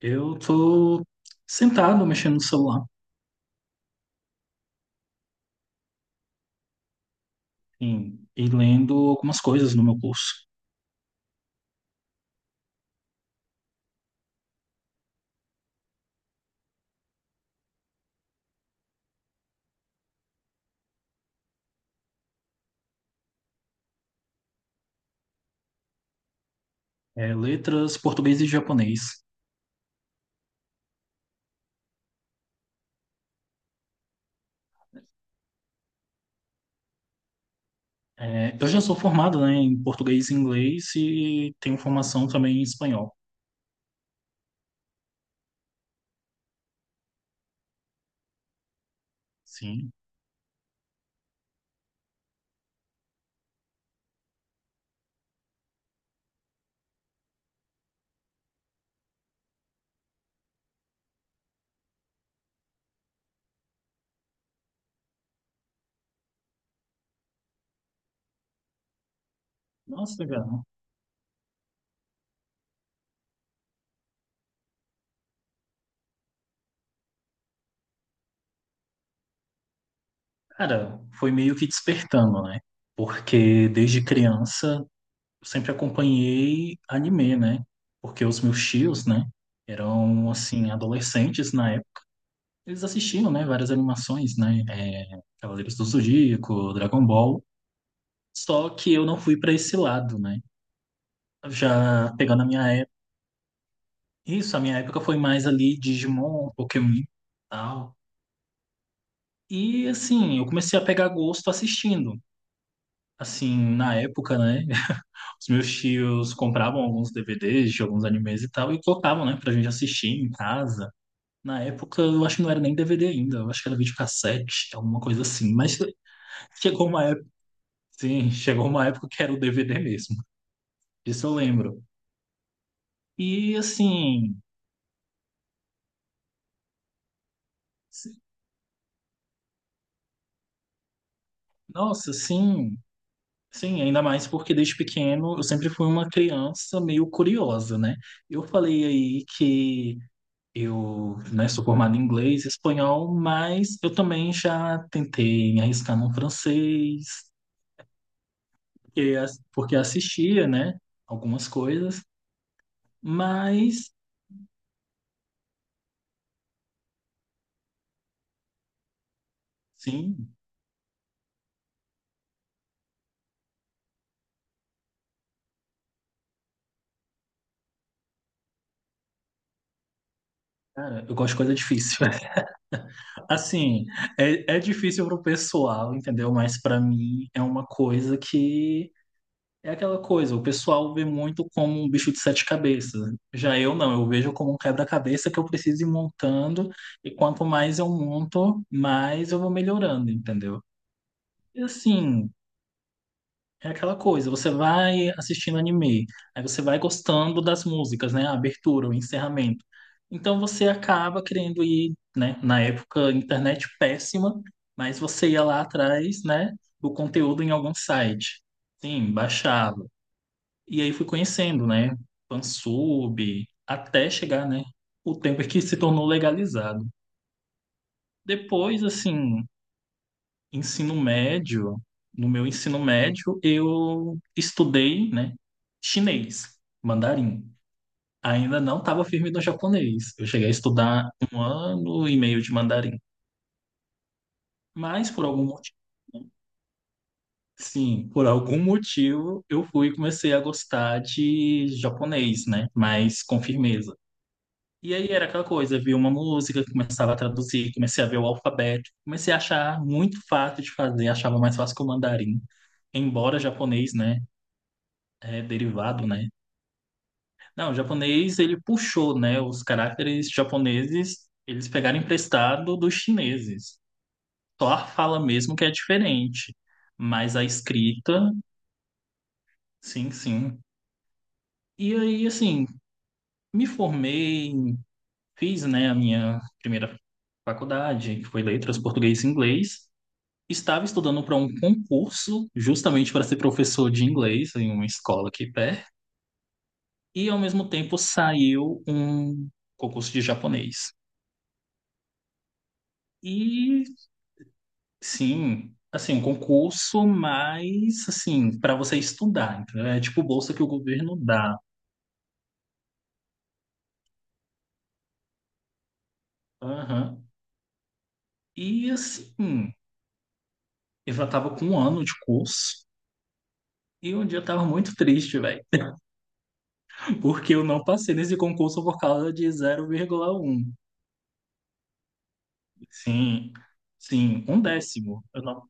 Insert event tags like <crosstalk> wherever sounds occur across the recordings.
Eu tô sentado mexendo no celular, sim, e lendo algumas coisas no meu curso. É, letras, português e japonês. É, eu já sou formado, né, em português e inglês e tenho formação também em espanhol. Sim. Nossa, cara. Cara, foi meio que despertando, né? Porque desde criança eu sempre acompanhei anime, né? Porque os meus tios, né, eram assim adolescentes na eles assistindo, né, várias animações, né, Cavaleiros do Zodíaco, Dragon Ball, só que eu não fui para esse lado, né, já pegando a minha época, isso, a minha época foi mais ali Digimon, Pokémon, tal, e assim, eu comecei a pegar gosto assistindo, assim, na época, né. <laughs> Os meus tios compravam alguns DVDs de alguns animes e tal, e colocavam, né, pra gente assistir em casa. Na época, eu acho que não era nem DVD ainda, eu acho que era videocassete, alguma coisa assim. Mas <laughs> chegou uma sim, <laughs> chegou uma época que era o DVD mesmo. Isso eu lembro. E assim, se- nossa, sim, sim, ainda mais porque desde pequeno eu sempre fui uma criança meio curiosa, né? Eu falei aí que eu, né, sou formado em inglês e espanhol, mas eu também já tentei me arriscar no francês, porque porque assistia, né, algumas coisas, mas sim, cara, eu gosto de coisa difícil. <laughs> Assim, é difícil pro pessoal, entendeu? Mas para mim é uma coisa que é aquela coisa, o pessoal vê muito como um bicho de sete cabeças. Já eu não, eu vejo como um quebra-cabeça que eu preciso ir montando, e quanto mais eu monto, mais eu vou melhorando, entendeu? E assim, é aquela coisa, você vai assistindo anime, aí você vai gostando das músicas, né? A abertura, o encerramento. Então você acaba querendo ir, né? Na época, internet péssima, mas você ia lá atrás, né? Do conteúdo em algum site. Sim, baixava. E aí fui conhecendo, né? Fansub, até chegar, né? O tempo em que se tornou legalizado. Depois, assim, ensino médio, no meu ensino médio, eu estudei, né, chinês, mandarim. Ainda não estava firme no japonês. Eu cheguei a estudar 1 ano e meio de mandarim. Mas por algum motivo, sim, por algum motivo eu fui e comecei a gostar de japonês, né, mas com firmeza. E aí era aquela coisa, via uma música, começava a traduzir, comecei a ver o alfabeto, comecei a achar muito fácil de fazer, achava mais fácil que o mandarim, embora japonês, né, é derivado, né? Não, o japonês ele puxou, né? Os caracteres japoneses eles pegaram emprestado dos chineses. Só a fala mesmo que é diferente, mas a escrita, sim, sim. E aí, assim, me formei, fiz, né, a minha primeira faculdade, que foi Letras, Português e Inglês. Estava estudando para um concurso, justamente para ser professor de inglês em uma escola aqui perto. E ao mesmo tempo saiu um concurso de japonês. E sim, assim, um concurso, mas assim, para você estudar, entendeu? É tipo bolsa que o governo dá. Aham. E assim, eu já tava com 1 ano de curso e um dia eu tava muito triste, velho, <laughs> porque eu não passei nesse concurso por causa de 0,1. Sim, sim, um décimo. Eu não...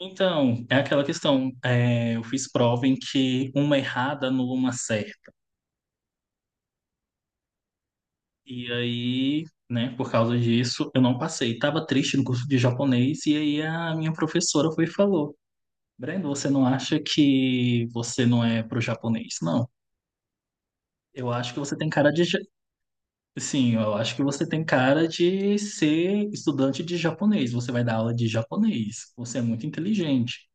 Então, é aquela questão. É, eu fiz prova em que uma errada anula uma certa. E aí, né, por causa disso, eu não passei. Tava triste no curso de japonês e aí a minha professora foi e falou: Breno, você não acha que você não é pro japonês? Não. Eu acho que você tem cara de ja- Sim, eu acho que você tem cara de ser estudante de japonês. Você vai dar aula de japonês. Você é muito inteligente.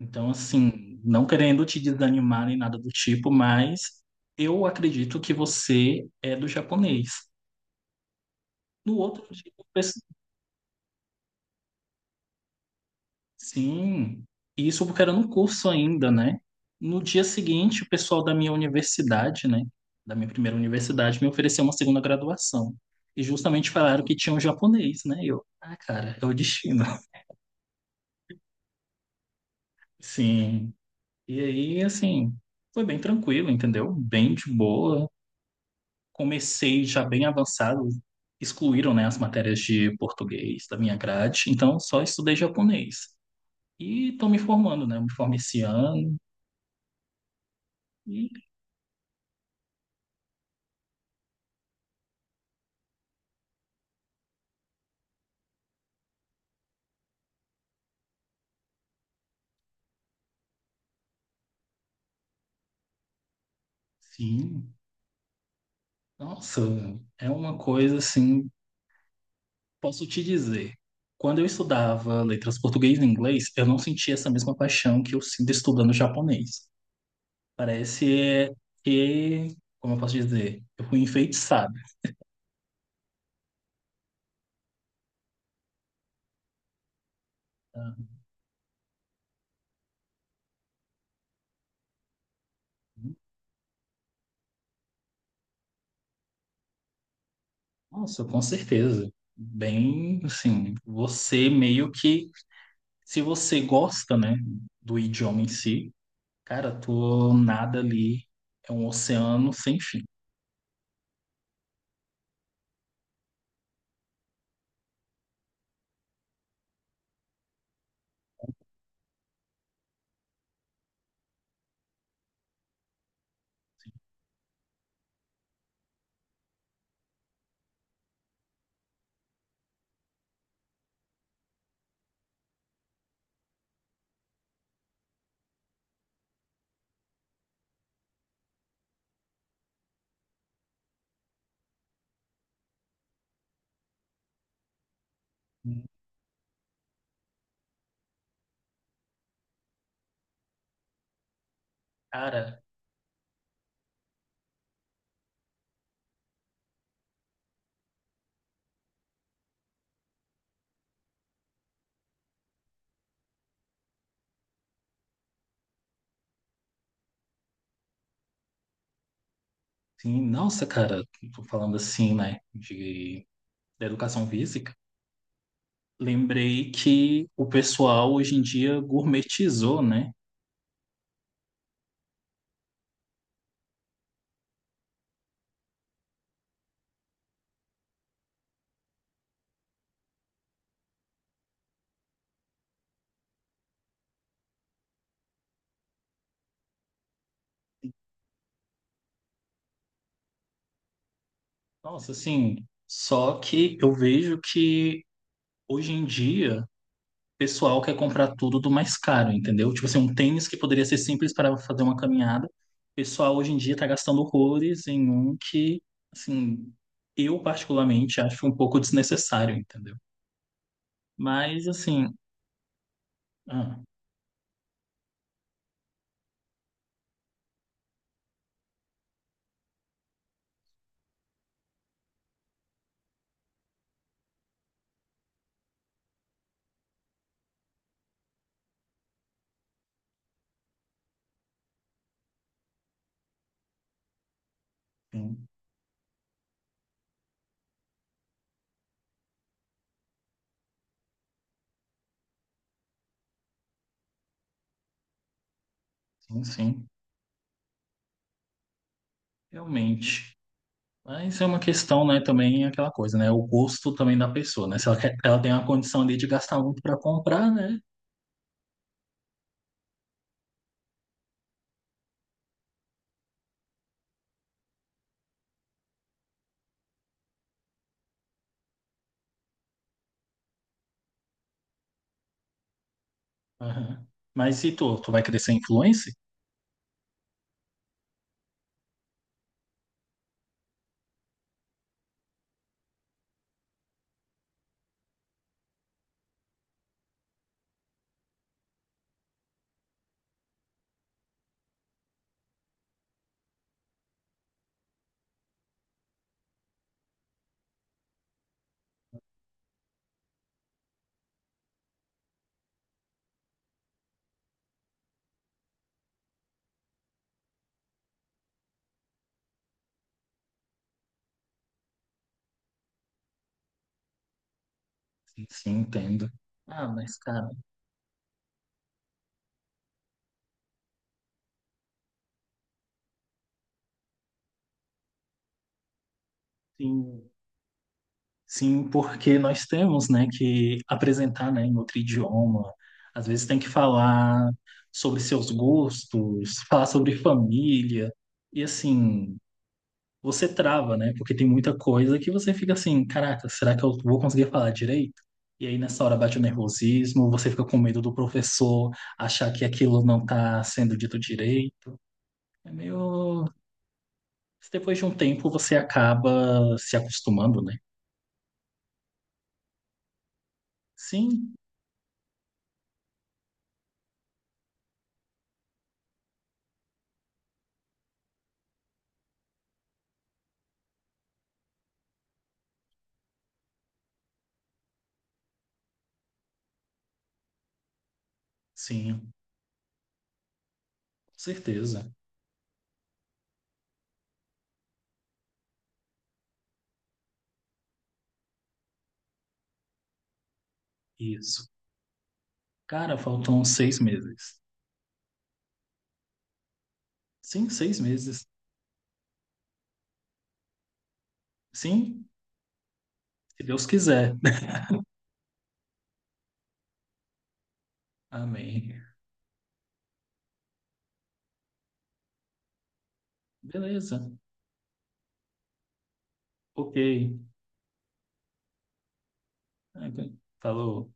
Então, assim, não querendo te desanimar nem nada do tipo, mas eu acredito que você é do japonês. No outro dia. Sim, e isso porque era no curso ainda, né? No dia seguinte, o pessoal da minha universidade, né, da minha primeira universidade, me ofereceu uma segunda graduação. E justamente falaram que tinha um japonês, né? E eu, ah, cara, é o destino. <laughs> Sim. E aí, assim, foi bem tranquilo, entendeu? Bem de boa. Comecei já bem avançado. Excluíram, né, as matérias de português da minha grade, então só estudei japonês. E estou me formando, né? Eu me formei esse ano. E sim. Nossa, é uma coisa assim, posso te dizer. Quando eu estudava letras português e inglês, eu não sentia essa mesma paixão que eu sinto estudando japonês. Parece que, como eu posso dizer, eu fui enfeitiçado. Nossa, com certeza. Bem, assim, você meio que, se você gosta, né, do idioma em si, cara, tu nada ali é um oceano sem fim. Cara, sim, nossa, cara, tô falando assim, né, da educação física, lembrei que o pessoal hoje em dia gourmetizou, né? Nossa, assim, só que eu vejo que hoje em dia o pessoal quer comprar tudo do mais caro, entendeu? Tipo assim, um tênis que poderia ser simples para fazer uma caminhada, o pessoal hoje em dia tá gastando horrores em um que, assim, eu particularmente acho um pouco desnecessário, entendeu? Mas, assim, ah, sim, sim, sim. Realmente. Mas é uma questão, né, também é aquela coisa, né? O gosto também da pessoa, né? Se ela, ela tem uma condição ali de gastar muito para comprar, né? Aham. Mas e tu? Tu vai crescer influencer? Sim, entendo. Ah, mas cara, sim, sim, porque nós temos, né, que apresentar, né, em outro idioma. Às vezes tem que falar sobre seus gostos, falar sobre família. E assim, você trava, né? Porque tem muita coisa que você fica assim, caraca, será que eu vou conseguir falar direito? E aí nessa hora bate o nervosismo, você fica com medo do professor achar que aquilo não tá sendo dito direito. É meio... Depois de um tempo você acaba se acostumando, né? Sim, sim, com certeza. Isso. Cara, faltam 6 meses. Sim, 6 meses. Sim, se Deus quiser. <laughs> Amém. Beleza. Ok. Falou.